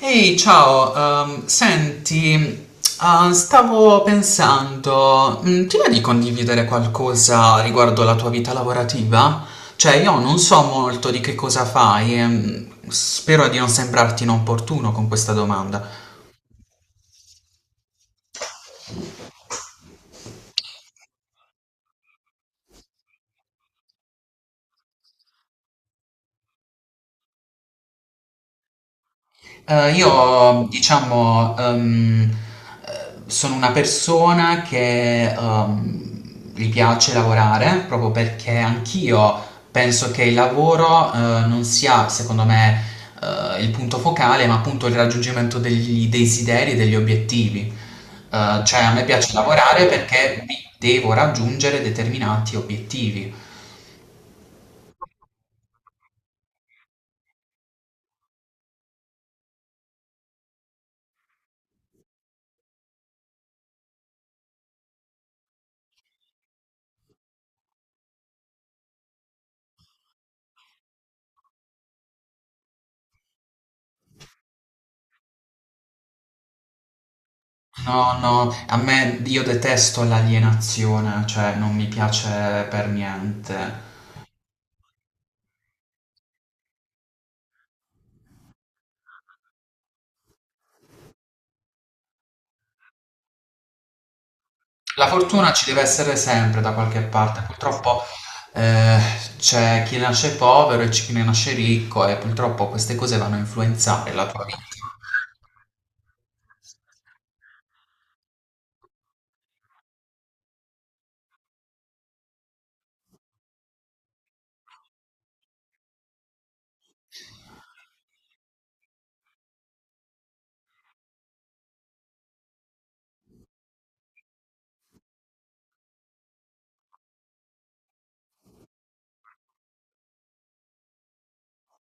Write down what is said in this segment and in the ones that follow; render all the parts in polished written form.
Ehi, ciao, senti, stavo pensando, ti va di condividere qualcosa riguardo la tua vita lavorativa? Cioè, io non so molto di che cosa fai, e, spero di non sembrarti inopportuno con questa domanda. Io, diciamo, sono una persona che gli piace lavorare proprio perché anch'io penso che il lavoro non sia, secondo me, il punto focale, ma appunto il raggiungimento degli desideri e degli obiettivi. Cioè, a me piace lavorare perché mi devo raggiungere determinati obiettivi. No, no, a me io detesto l'alienazione, cioè non mi piace per niente. La fortuna ci deve essere sempre da qualche parte, purtroppo eh, c'è chi nasce povero e c'è chi ne nasce ricco e purtroppo queste cose vanno a influenzare la tua vita.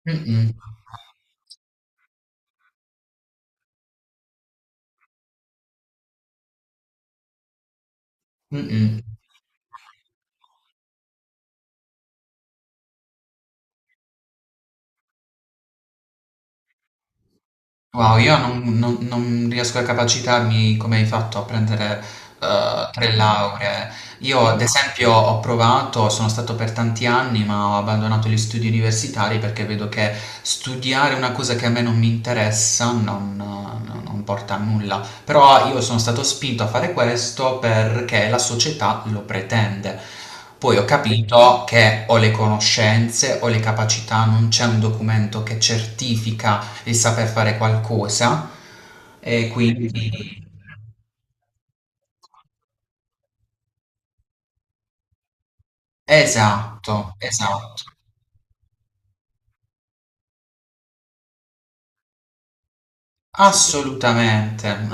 Mm-mm. Mm-mm. Wow, io non, non- non riesco a capacitarmi come hai fatto a prendere tre lauree. Io, ad esempio, ho provato, sono stato per tanti anni, ma ho abbandonato gli studi universitari perché vedo che studiare una cosa che a me non mi interessa non porta a nulla. Però io sono stato spinto a fare questo perché la società lo pretende. Poi ho capito che ho le conoscenze, ho le capacità, non c'è un documento che certifica il saper fare qualcosa e quindi esatto, esatto, assolutamente. Mm.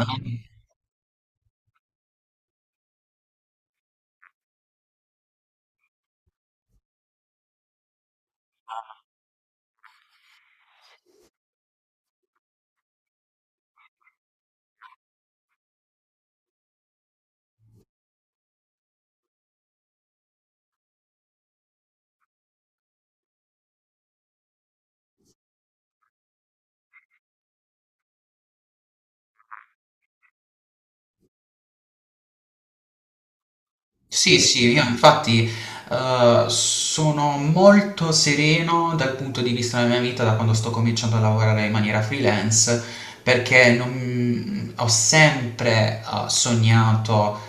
Sì, sì, io infatti sono molto sereno dal punto di vista della mia vita da quando sto cominciando a lavorare in maniera freelance perché ho sempre sognato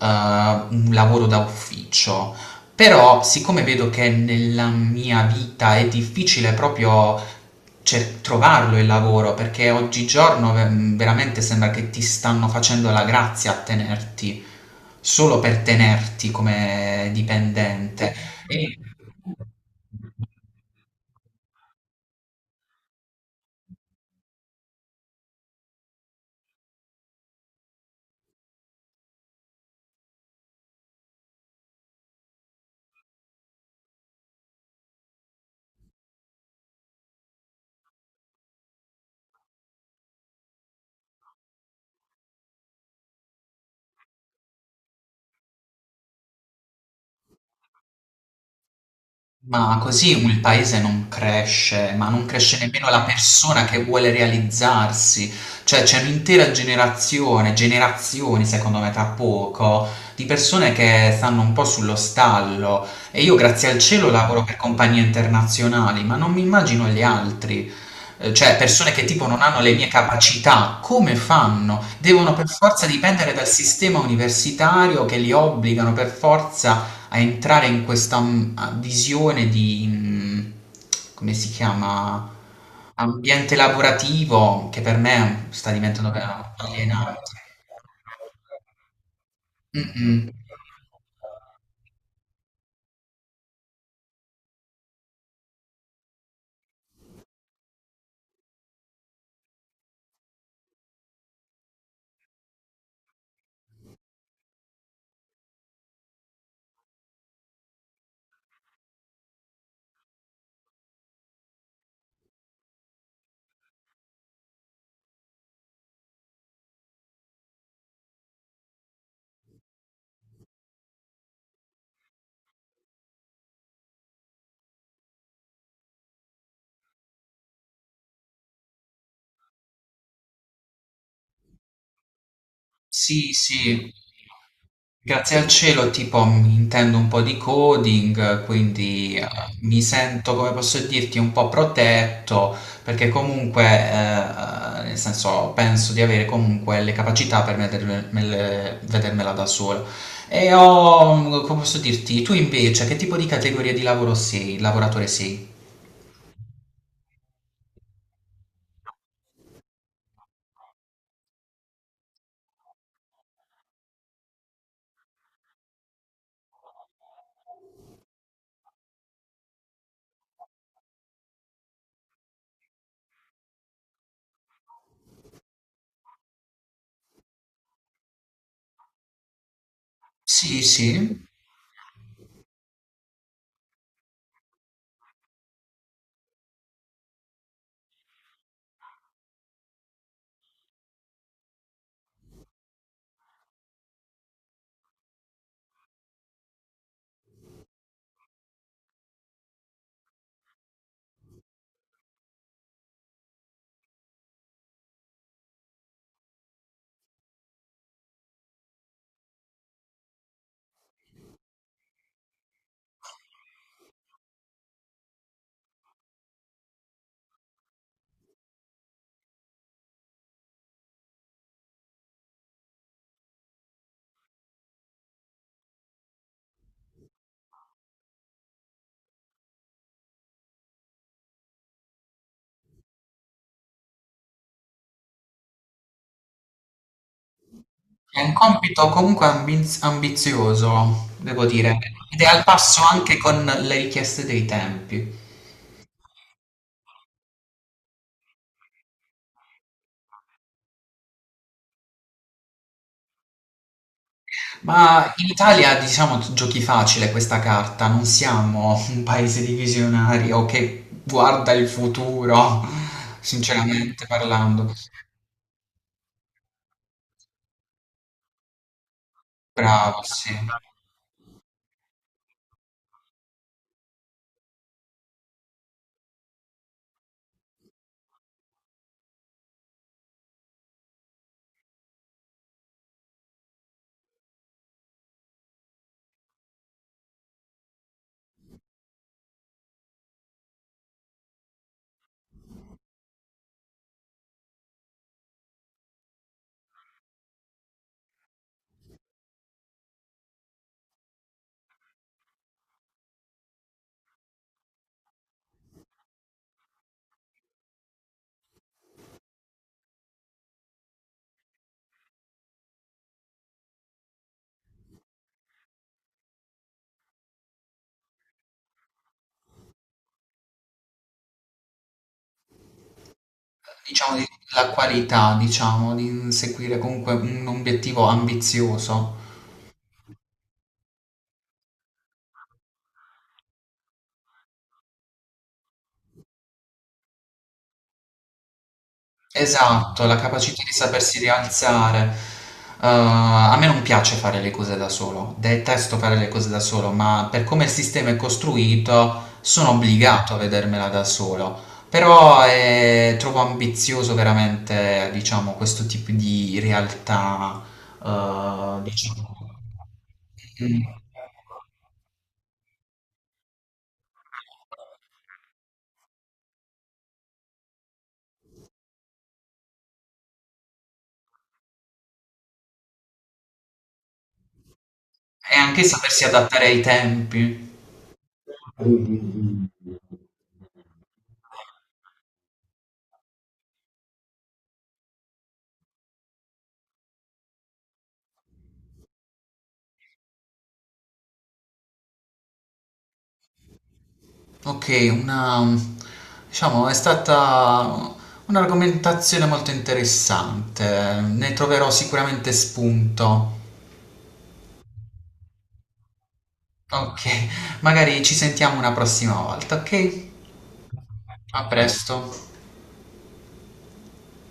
un lavoro da ufficio. Però, siccome vedo che nella mia vita è difficile proprio trovarlo il lavoro, perché oggigiorno veramente sembra che ti stanno facendo la grazia a tenerti, solo per tenerti come dipendente. E Ma così il paese non cresce, ma non cresce nemmeno la persona che vuole realizzarsi. Cioè c'è un'intera generazione, generazioni secondo me tra poco, di persone che stanno un po' sullo stallo e io grazie al cielo lavoro per compagnie internazionali, ma non mi immagino gli altri. Cioè persone che tipo non hanno le mie capacità, come fanno? Devono per forza dipendere dal sistema universitario che li obbligano per forza a entrare in questa visione di, come si chiama, ambiente lavorativo che per me sta diventando alienante. Mm-mm. Sì, sì. Grazie al cielo, tipo, mi intendo un po' di coding, quindi mi sento, come posso dirti, un po' protetto, perché comunque, nel senso, penso di avere comunque le capacità per vedermela da sola. E ho, come posso dirti, tu invece, che tipo di categoria di lavoro sei, lavoratore sei? Sì, sì. È un compito comunque ambizioso, devo dire, ed è al passo anche con le richieste dei tempi. Ma in Italia, diciamo, giochi facile questa carta, non siamo un paese di visionari o che guarda il futuro, sinceramente parlando. Bravo, sì. Diciamo di- la qualità, diciamo, di seguire comunque un obiettivo ambizioso. Esatto, la capacità di sapersi rialzare. A me non piace fare le cose da solo, detesto fare le cose da solo, ma per come il sistema è costruito sono obbligato a vedermela da solo. Però trovo ambizioso veramente, diciamo, questo tipo di realtà, diciamo. Mm. E anche sapersi adattare ai tempi. Ok, una, diciamo, è stata un'argomentazione molto interessante, ne troverò sicuramente spunto. Ok, magari ci sentiamo una prossima volta, ok? A presto.